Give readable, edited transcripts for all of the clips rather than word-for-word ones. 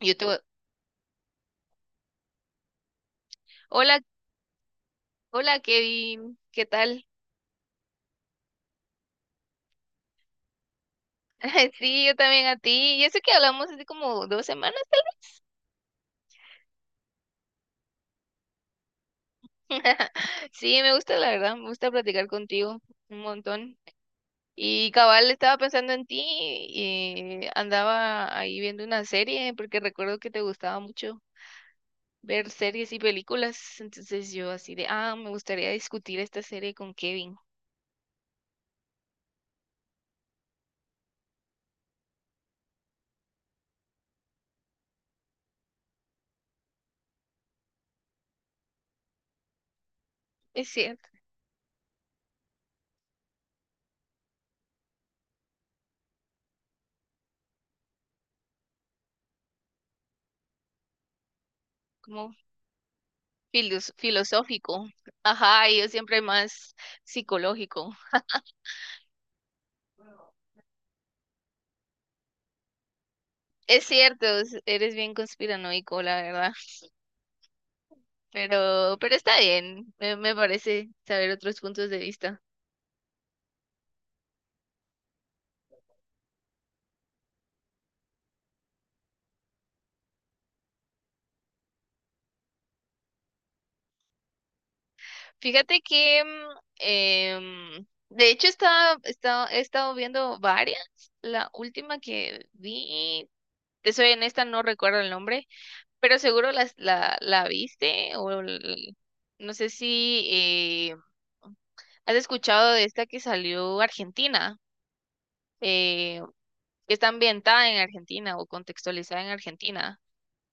Yo te voy- Hola, hola Kevin, ¿qué tal? Sí, yo también a ti. Y eso que hablamos hace como dos semanas, tal vez. Sí, me gusta, la verdad, me gusta platicar contigo un montón. Y cabal, estaba pensando en ti y andaba ahí viendo una serie porque recuerdo que te gustaba mucho ver series y películas. Entonces yo así de, ah, me gustaría discutir esta serie con Kevin. Es cierto, como filosófico. Ajá, y yo siempre más psicológico. Es cierto, eres bien conspiranoico, la verdad, pero está bien, me parece saber otros puntos de vista. Fíjate que, de hecho, he estado viendo varias. La última que vi, te soy honesta, no recuerdo el nombre, pero seguro la viste o no sé si has escuchado de esta que salió Argentina. eh, que está ambientada en Argentina o contextualizada en Argentina.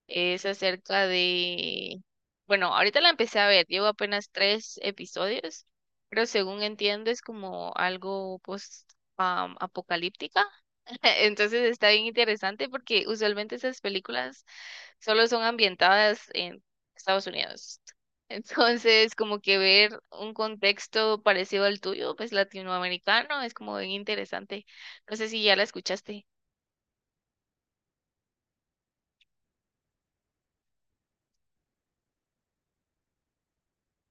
Es acerca de, bueno, ahorita la empecé a ver, llevo apenas 3 episodios, pero según entiendo es como algo post apocalíptica. Entonces está bien interesante porque usualmente esas películas solo son ambientadas en Estados Unidos. Entonces, como que ver un contexto parecido al tuyo, pues latinoamericano, es como bien interesante. No sé si ya la escuchaste.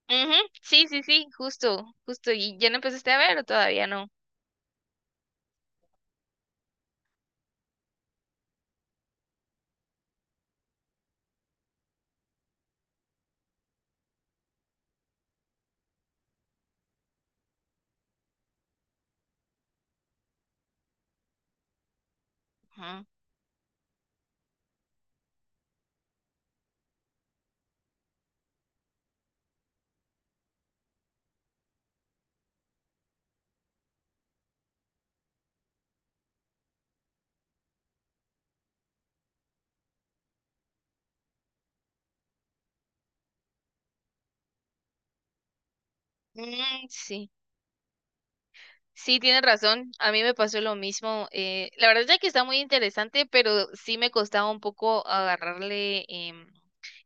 Ujú. Sí, sí, sí, justo, justo. ¿Y ya lo empezaste a ver o todavía no? Ajá. Mm, sí, sí, tienes razón. A mí me pasó lo mismo. La verdad es que está muy interesante, pero sí me costaba un poco agarrarle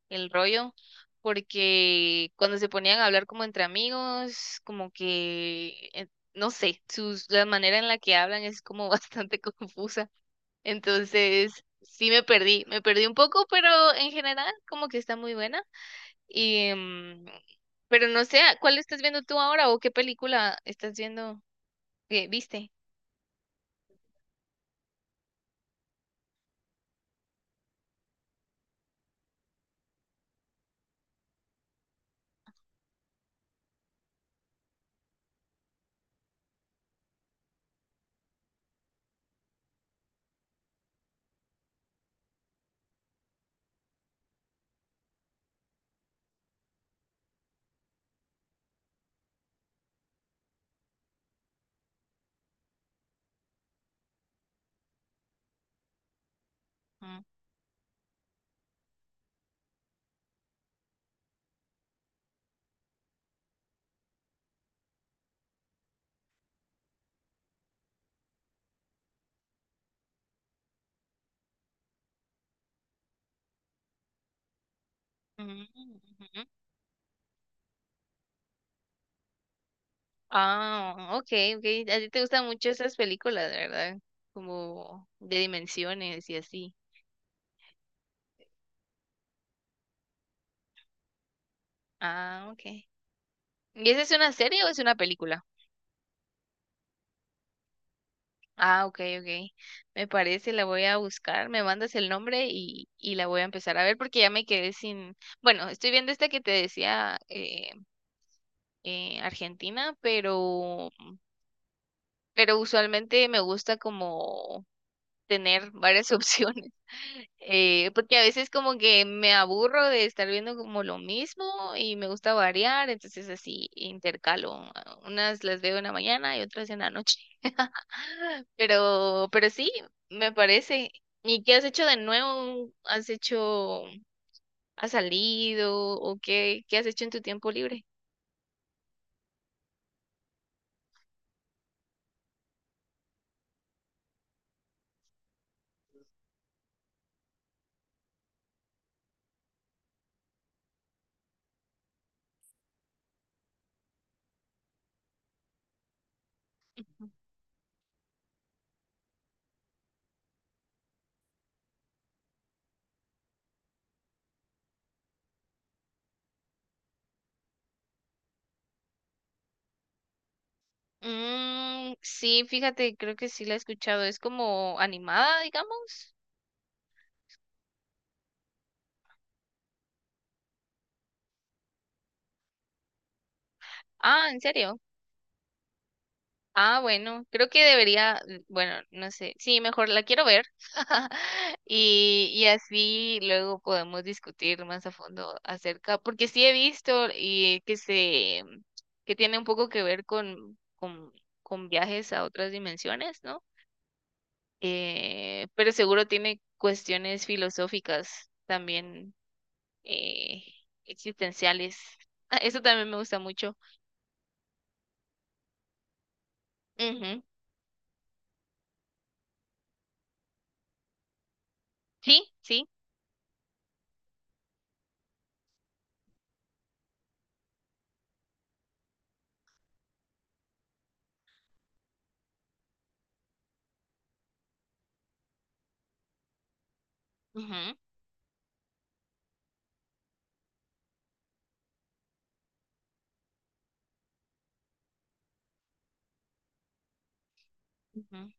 el rollo, porque cuando se ponían a hablar como entre amigos, como que, no sé, la manera en la que hablan es como bastante confusa. Entonces, me perdí un poco, pero en general como que está muy buena. Y, mm, pero no sé, ¿cuál estás viendo tú ahora o qué película estás viendo? Que ¿viste? Mm, mm, ujú. Ah, ok, ok. A ti te gustan mucho esas películas, ¿verdad? Como de dimensiones y así. Ah, ok. ¿Y esa es una serie o es una película? Ah, ok, ok. Me parece, la voy a buscar. Me mandas el nombre y la voy a empezar a ver porque ya me quedé sin... Bueno, estoy viendo esta que te decía Argentina, pero usualmente me gusta como tener varias opciones, porque a veces como que me aburro de estar viendo como lo mismo y me gusta variar, entonces así intercalo, ah, unas las veo en la mañana y otras en la noche, pero sí, me parece. ¿Y qué has hecho de nuevo? ¿Has hecho, has salido o qué, qué has hecho en tu tiempo libre? Mm, sí, fíjate, creo que sí la he escuchado. Es como animada, digamos. Ah, ¿en serio? Ah, bueno, creo que debería, mm, bueno, no sé, sí, mejor la quiero ver. Y, y así luego podemos discutir más a fondo acerca, porque sí he visto y que se, que tiene un poco que ver con viajes a otras dimensiones, ¿no? Pero seguro tiene cuestiones filosóficas también, eh, existenciales. Ah, eso también me gusta mucho. Ujú. Sí, sí. Ujú, ujú.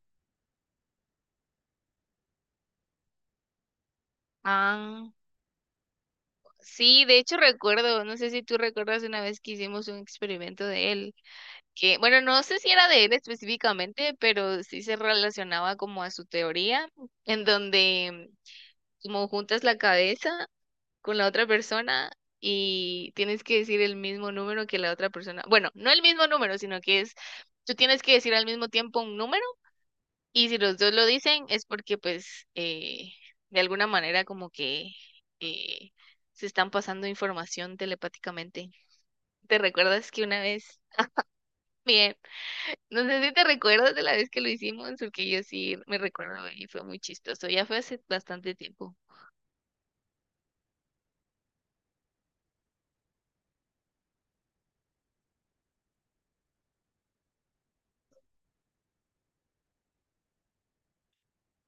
Ah, sí, de hecho recuerdo, no sé si tú recuerdas una vez que hicimos un experimento de él, que bueno, no sé si era de él específicamente, pero sí se relacionaba como a su teoría, en donde como juntas la cabeza con la otra persona y tienes que decir el mismo número que la otra persona. Bueno, no el mismo número, sino que es, tú tienes que decir al mismo tiempo un número. Y si los dos lo dicen es porque pues de alguna manera como que eh, se están pasando información telepáticamente. ¿Te recuerdas que una vez, bien, no sé si te recuerdas de la vez que lo hicimos? Porque yo sí me recuerdo y fue muy chistoso. Ya fue hace bastante tiempo,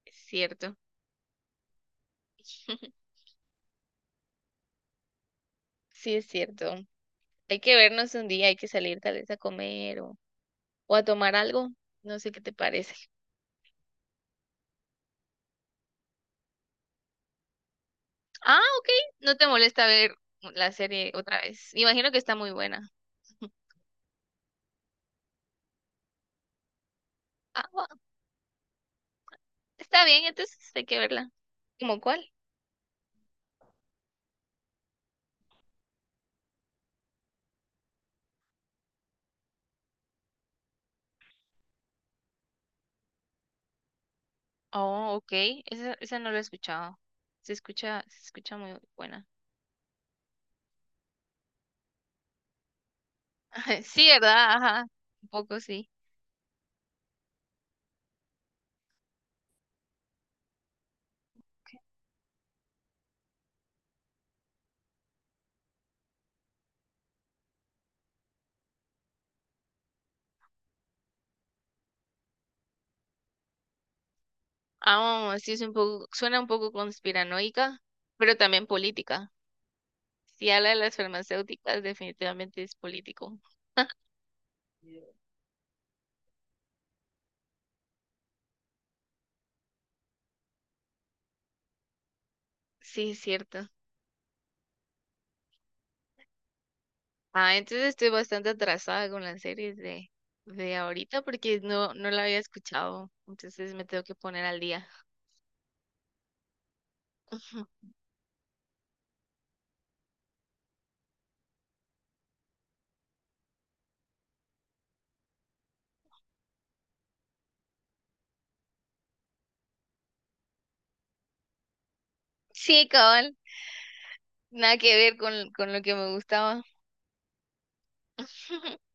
es cierto. Sí, es cierto. Hay que vernos un día, hay que salir tal vez a comer o a tomar algo. No sé qué te parece. Ah, ok. No te molesta ver la serie otra vez. Imagino que está muy buena. Ah, bueno, está bien, entonces hay que verla. ¿Cómo cuál? Oh, ok. Esa no la he escuchado. Se escucha muy buena. Sí, ¿verdad? Ajá, un poco sí. Ah, sí, es un poco, suena un poco conspiranoica, pero también política. Si habla de las farmacéuticas, definitivamente es político. Sí, es cierto. Ah, entonces estoy bastante atrasada con las series de ahorita porque no, no la había escuchado, entonces me tengo que poner al día. Sí, cabal, nada que ver con lo que me gustaba.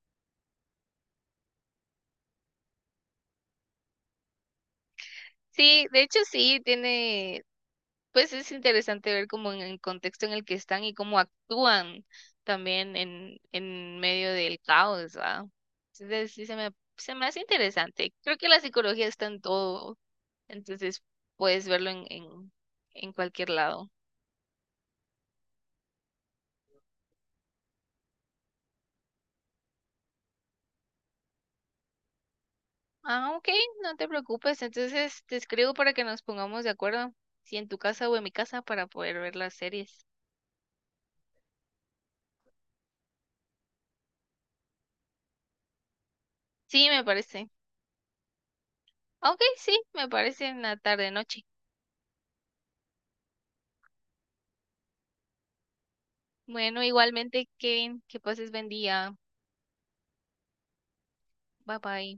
Sí, de hecho sí, tiene, pues es interesante ver como en el contexto en el que están y cómo actúan también en medio del caos, ¿va? Entonces sí se me hace interesante. Creo que la psicología está en todo, entonces puedes verlo en cualquier lado. Ah, ok, no te preocupes, entonces te escribo para que nos pongamos de acuerdo, si en tu casa o en mi casa, para poder ver las series. Sí, me parece. Ok, sí, me parece en la tarde-noche. Bueno, igualmente, Kevin, que pases buen día. Bye bye.